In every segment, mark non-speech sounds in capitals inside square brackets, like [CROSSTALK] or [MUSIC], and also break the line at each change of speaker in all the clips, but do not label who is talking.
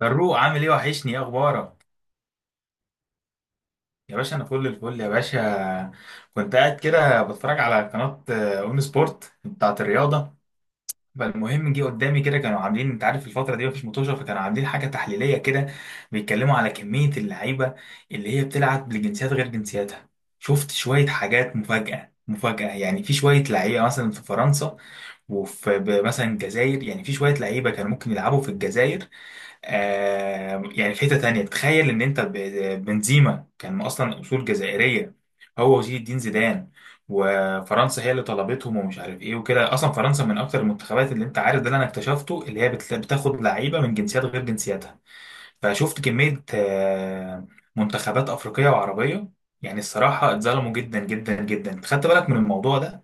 فاروق، عامل ايه؟ وحشني. ايه اخبارك؟ يا باشا، انا فل الفل يا باشا. كنت قاعد كده بتفرج على قناه اون سبورت بتاعت الرياضه. فالمهم جه قدامي كده، كانوا عاملين، انت عارف الفتره دي مفيش مطوشه، فكانوا عاملين حاجه تحليليه كده، بيتكلموا على كميه اللعيبه اللي هي بتلعب لجنسيات غير جنسياتها. شفت شويه حاجات مفاجاه مفاجاه. يعني في شويه لعيبه مثلا في فرنسا، وفي مثلا الجزائر، يعني في شويه لعيبه كانوا ممكن يلعبوا في الجزائر. يعني في حتة تانية، تخيل ان انت بنزيما كان اصلا اصول جزائرية، هو وزين الدين زيدان. وفرنسا هي اللي طلبتهم ومش عارف ايه وكده. اصلا فرنسا من اكتر المنتخبات، اللي انت عارف ده اللي انا اكتشفته، اللي هي بتاخد لعيبة من جنسيات غير جنسياتها. فشفت كمية منتخبات افريقية وعربية، يعني الصراحة اتظلموا جدا جدا جدا. خدت بالك من الموضوع ده؟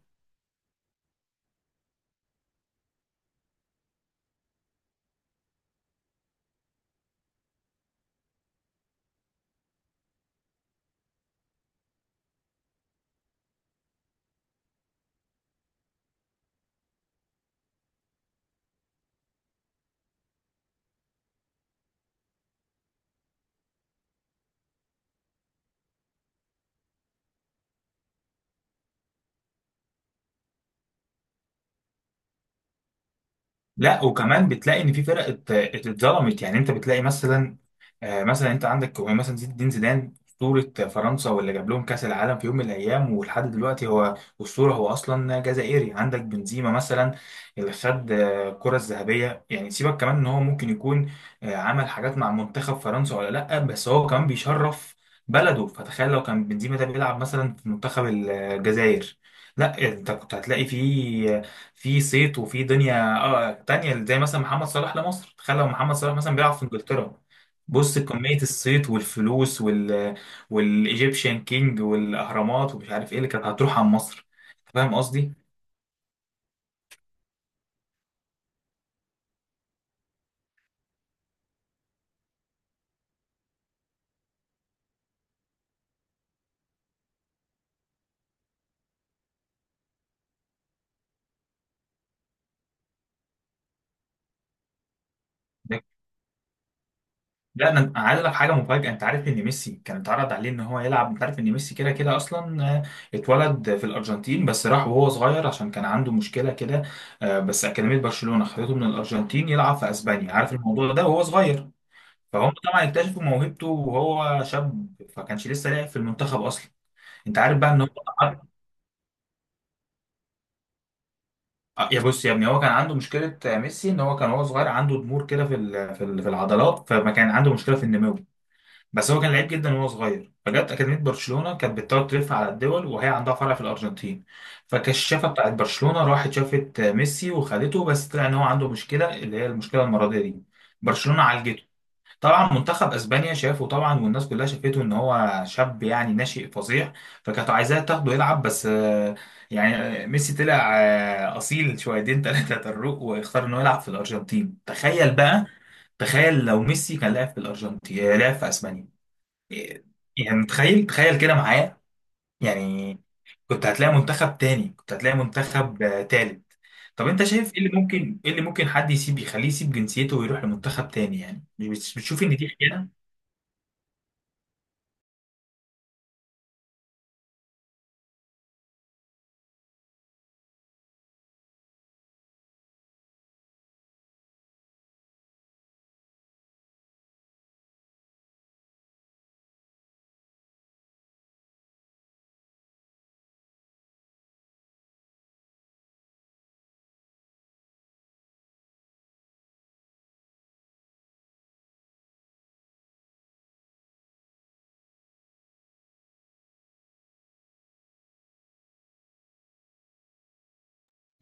لا وكمان بتلاقي ان في فرق اتظلمت. يعني انت بتلاقي مثلا، مثلا انت عندك يعني مثلا زين الدين زيدان، اسطوره فرنسا واللي جاب لهم كاس العالم في يوم من الايام، ولحد دلوقتي هو اسطوره. هو اصلا جزائري. عندك بنزيما مثلا، اللي خد الكره الذهبيه. يعني سيبك كمان ان هو ممكن يكون عمل حاجات مع منتخب فرنسا ولا لا، بس هو كمان بيشرف بلده. فتخيل لو كان بنزيما ده بيلعب مثلا في منتخب الجزائر. لا، انت كنت هتلاقي فيه في صيت، وفي دنيا تانية، زي مثلا محمد صلاح لمصر. تخيل لو محمد صلاح مثلا بيلعب في انجلترا. بص كمية الصيت والفلوس والايجيبشن كينج والاهرامات ومش عارف ايه اللي كانت هتروح عن مصر. فاهم قصدي؟ ده- لا، انا عايز لك حاجه مفاجاه. انت عارف ان ميسي كان اتعرض عليه ان هو يلعب. انت عارف ان ميسي كده كده اصلا، اتولد في الارجنتين، بس راح وهو صغير عشان كان عنده مشكله كده. بس اكاديميه برشلونه خدته من الارجنتين يلعب في اسبانيا، عارف الموضوع ده، وهو صغير. فهم طبعا اكتشفوا موهبته وهو شاب، فكانش لسه لاعب في المنتخب اصلا. انت عارف بقى ان هو، يا بص يا ابني، هو كان عنده مشكله ميسي، ان هو كان وهو صغير عنده ضمور كده في العضلات، فما كان عنده مشكله في النمو. بس هو كان لعيب جدا وهو صغير، فجت اكاديميه برشلونه، كانت بتدور تلف على الدول، وهي عندها فرع في الارجنتين. فالكشافه بتاعت برشلونه راحت شافت ميسي وخدته، بس طلع ان هو عنده مشكله، اللي هي المشكله المرضيه دي. برشلونه عالجته طبعا. منتخب اسبانيا شافه طبعا، والناس كلها شافته ان هو شاب، يعني ناشئ فظيع. فكانت عايزاه تاخده يلعب، بس يعني ميسي طلع اصيل شويتين [LAUGHS] ثلاثه طروق، واختار انه يلعب في الارجنتين. تخيل بقى. تخيل لو ميسي كان لعب في الارجنتين، لعب في اسبانيا. إيه، يعني تخيل تخيل كده معايا. يعني كنت هتلاقي منتخب تاني، كنت هتلاقي منتخب تالت. طب انت شايف ايه اللي ممكن، حد يسيب، يخليه يسيب جنسيته ويروح لمنتخب تاني؟ يعني مش بتشوف ان دي خيانه؟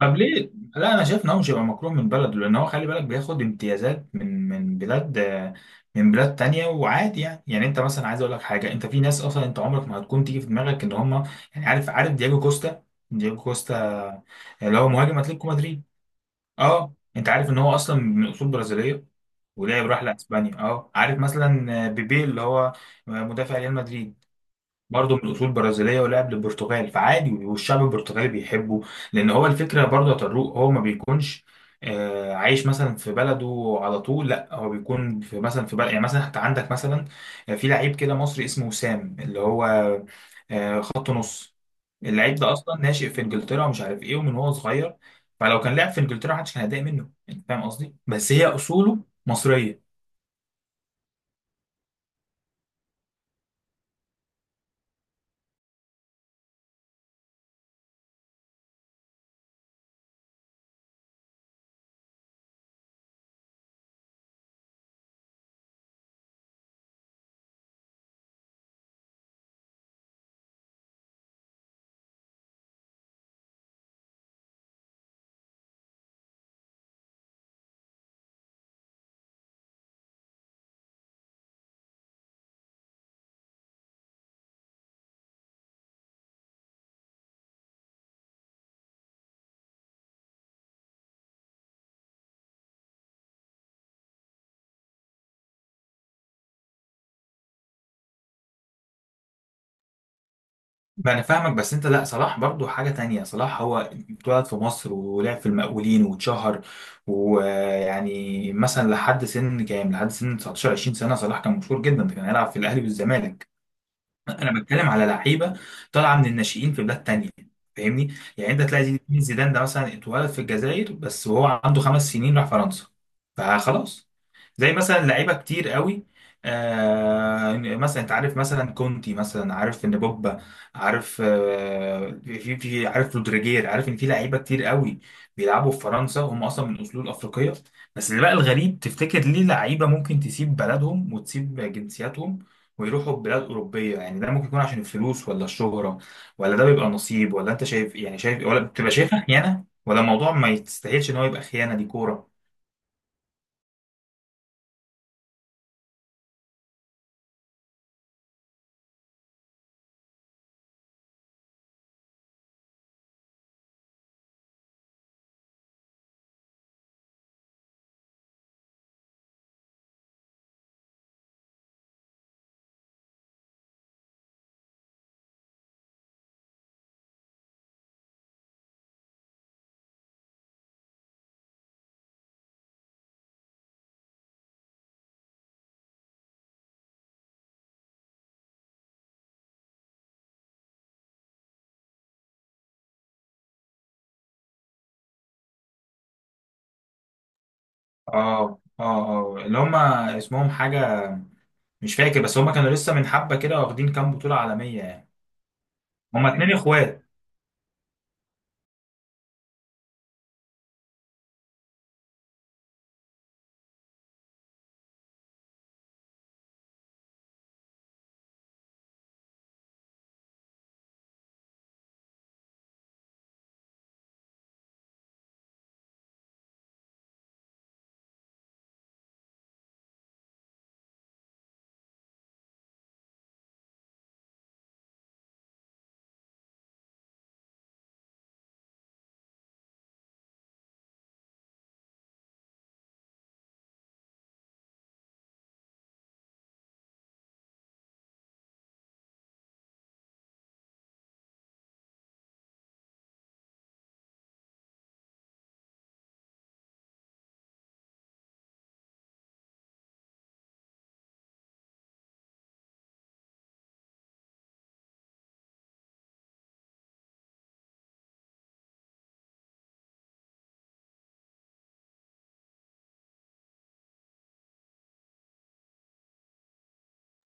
طب ليه؟ لا، انا شايف ان هو مش هيبقى مكروه من بلده، لان هو خلي بالك بياخد امتيازات من بلاد تانية وعادي. يعني انت مثلا، عايز اقول لك حاجه، انت في ناس اصلا انت عمرك ما هتكون تيجي في دماغك ان هم، يعني عارف دياجو كوستا اللي هو مهاجم اتلتيكو مدريد. اه انت عارف ان هو اصلا من اصول برازيليه. راح لاسبانيا. اه عارف مثلا بيبي، اللي هو مدافع ريال مدريد، برضه من اصول برازيليه ولعب للبرتغال. فعادي، والشعب البرتغالي بيحبه. لان هو الفكره برضه يا طارق، هو ما بيكونش عايش مثلا في بلده على طول، لا هو بيكون في مثلا في بلد. يعني مثلا حتى عندك مثلا، في لعيب كده مصري اسمه وسام، اللي هو خط نص. اللعيب ده اصلا ناشئ في انجلترا ومش عارف ايه، ومن هو صغير. فلو كان لعب في انجلترا محدش كان هيتضايق منه. انت فاهم قصدي؟ بس هي اصوله مصريه. ما انا فاهمك، بس انت، لا، صلاح برضو حاجة تانية. صلاح هو اتولد في مصر، ولعب في المقاولين واتشهر. ويعني مثلا لحد سن 19 20 سنة، صلاح كان مشهور جدا، ده كان يلعب في الاهلي والزمالك. انا بتكلم على لعيبة طالعة من الناشئين في بلاد تانية. فاهمني، يعني انت تلاقي زين زيدان ده مثلا اتولد في الجزائر، بس وهو عنده 5 سنين راح فرنسا، فخلاص. زي مثلا لعيبه كتير قوي، مثلا انت عارف مثلا كونتي، مثلا عارف ان بوبا، عارف في عارف رودريجير، عارف ان في لعيبه كتير قوي بيلعبوا في فرنسا هم اصلا من اصول افريقيه. بس اللي بقى الغريب، تفتكر ليه لعيبه ممكن تسيب بلدهم وتسيب جنسياتهم ويروحوا بلاد اوروبيه؟ يعني ده ممكن يكون عشان الفلوس ولا الشهره، ولا ده بيبقى نصيب، ولا انت شايف يعني شايف، ولا بتبقى شايفها خيانه، ولا الموضوع ما يستاهلش ان هو يبقى خيانه؟ دي كوره. اه، اه، اه، اللي هم اسمهم حاجة، مش فاكر، بس هم كانوا لسه من حبة كده واخدين كام بطولة عالمية يعني. هم اتنين اخوات.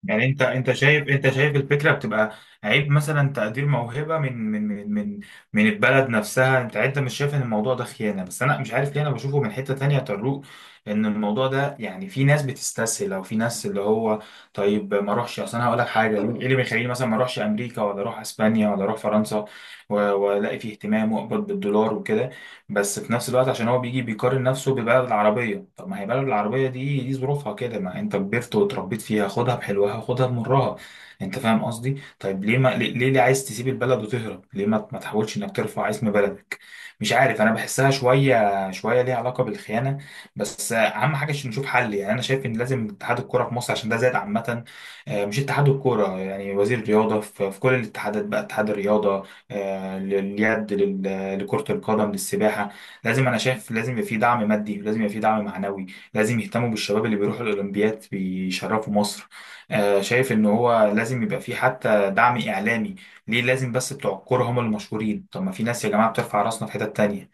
يعني انت شايف الفكرة بتبقى عيب، مثلا تقدير موهبة من البلد نفسها؟ انت مش شايف ان الموضوع ده خيانة؟ بس انا مش عارف ليه انا بشوفه من حتة تانية يا طارق. ان الموضوع ده يعني في ناس بتستسهل، او في ناس اللي هو طيب ما اروحش، اصل انا هقول لك حاجة، ايه اللي بيخليني مثلا ما اروحش امريكا ولا اروح اسبانيا ولا اروح فرنسا، والاقي فيه اهتمام واقبض بالدولار وكده؟ بس في نفس الوقت عشان هو بيجي بيقارن نفسه ببلد العربية. طب ما هي بلد العربية دي ظروفها كده، ما انت كبرت وتربيت فيها، خدها بحلوها خدها بمرها. انت فاهم قصدي؟ طيب ليه ما ليه عايز تسيب البلد وتهرب؟ ليه ما تحاولش انك ترفع اسم بلدك؟ مش عارف، انا بحسها شويه شويه ليها علاقه بالخيانه. بس اهم حاجه عشان نشوف حل، يعني انا شايف ان لازم اتحاد الكوره في مصر، عشان ده زاد عامه. مش اتحاد الكوره، يعني وزير الرياضه، في كل الاتحادات بقى، اتحاد الرياضه لليد، لكره القدم، للسباحه. لازم، انا شايف لازم يبقى في دعم مادي، لازم يبقى في دعم معنوي. لازم يهتموا بالشباب اللي بيروحوا الاولمبياد بيشرفوا مصر. شايف ان هو لازم يبقى في حتى دعم اعلامي. ليه لازم بس بتوع الكورة هم المشهورين؟ طب ما في ناس يا جماعة بترفع راسنا في حتت تانية.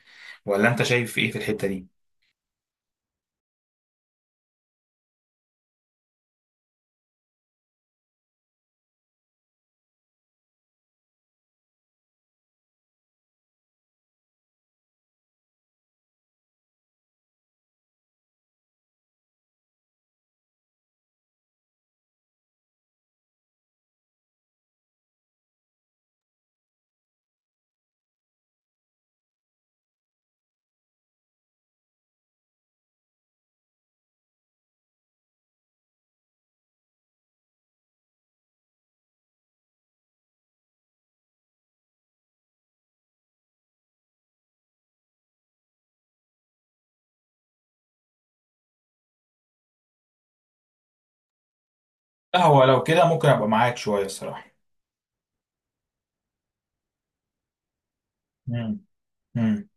ولا انت شايف ايه في الحتة دي؟ لا، هو لو كده ممكن ابقى معاك شويه الصراحه. مم. مم.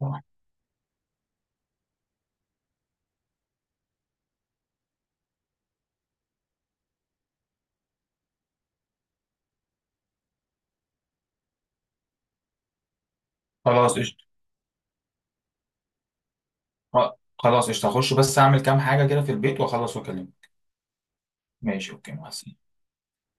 صح. خلاص قشطة. خلاص قشطه، هخش بس اعمل كام حاجه كده في البيت واخلص واكلمك. ماشي. اوكي، مع السلامة.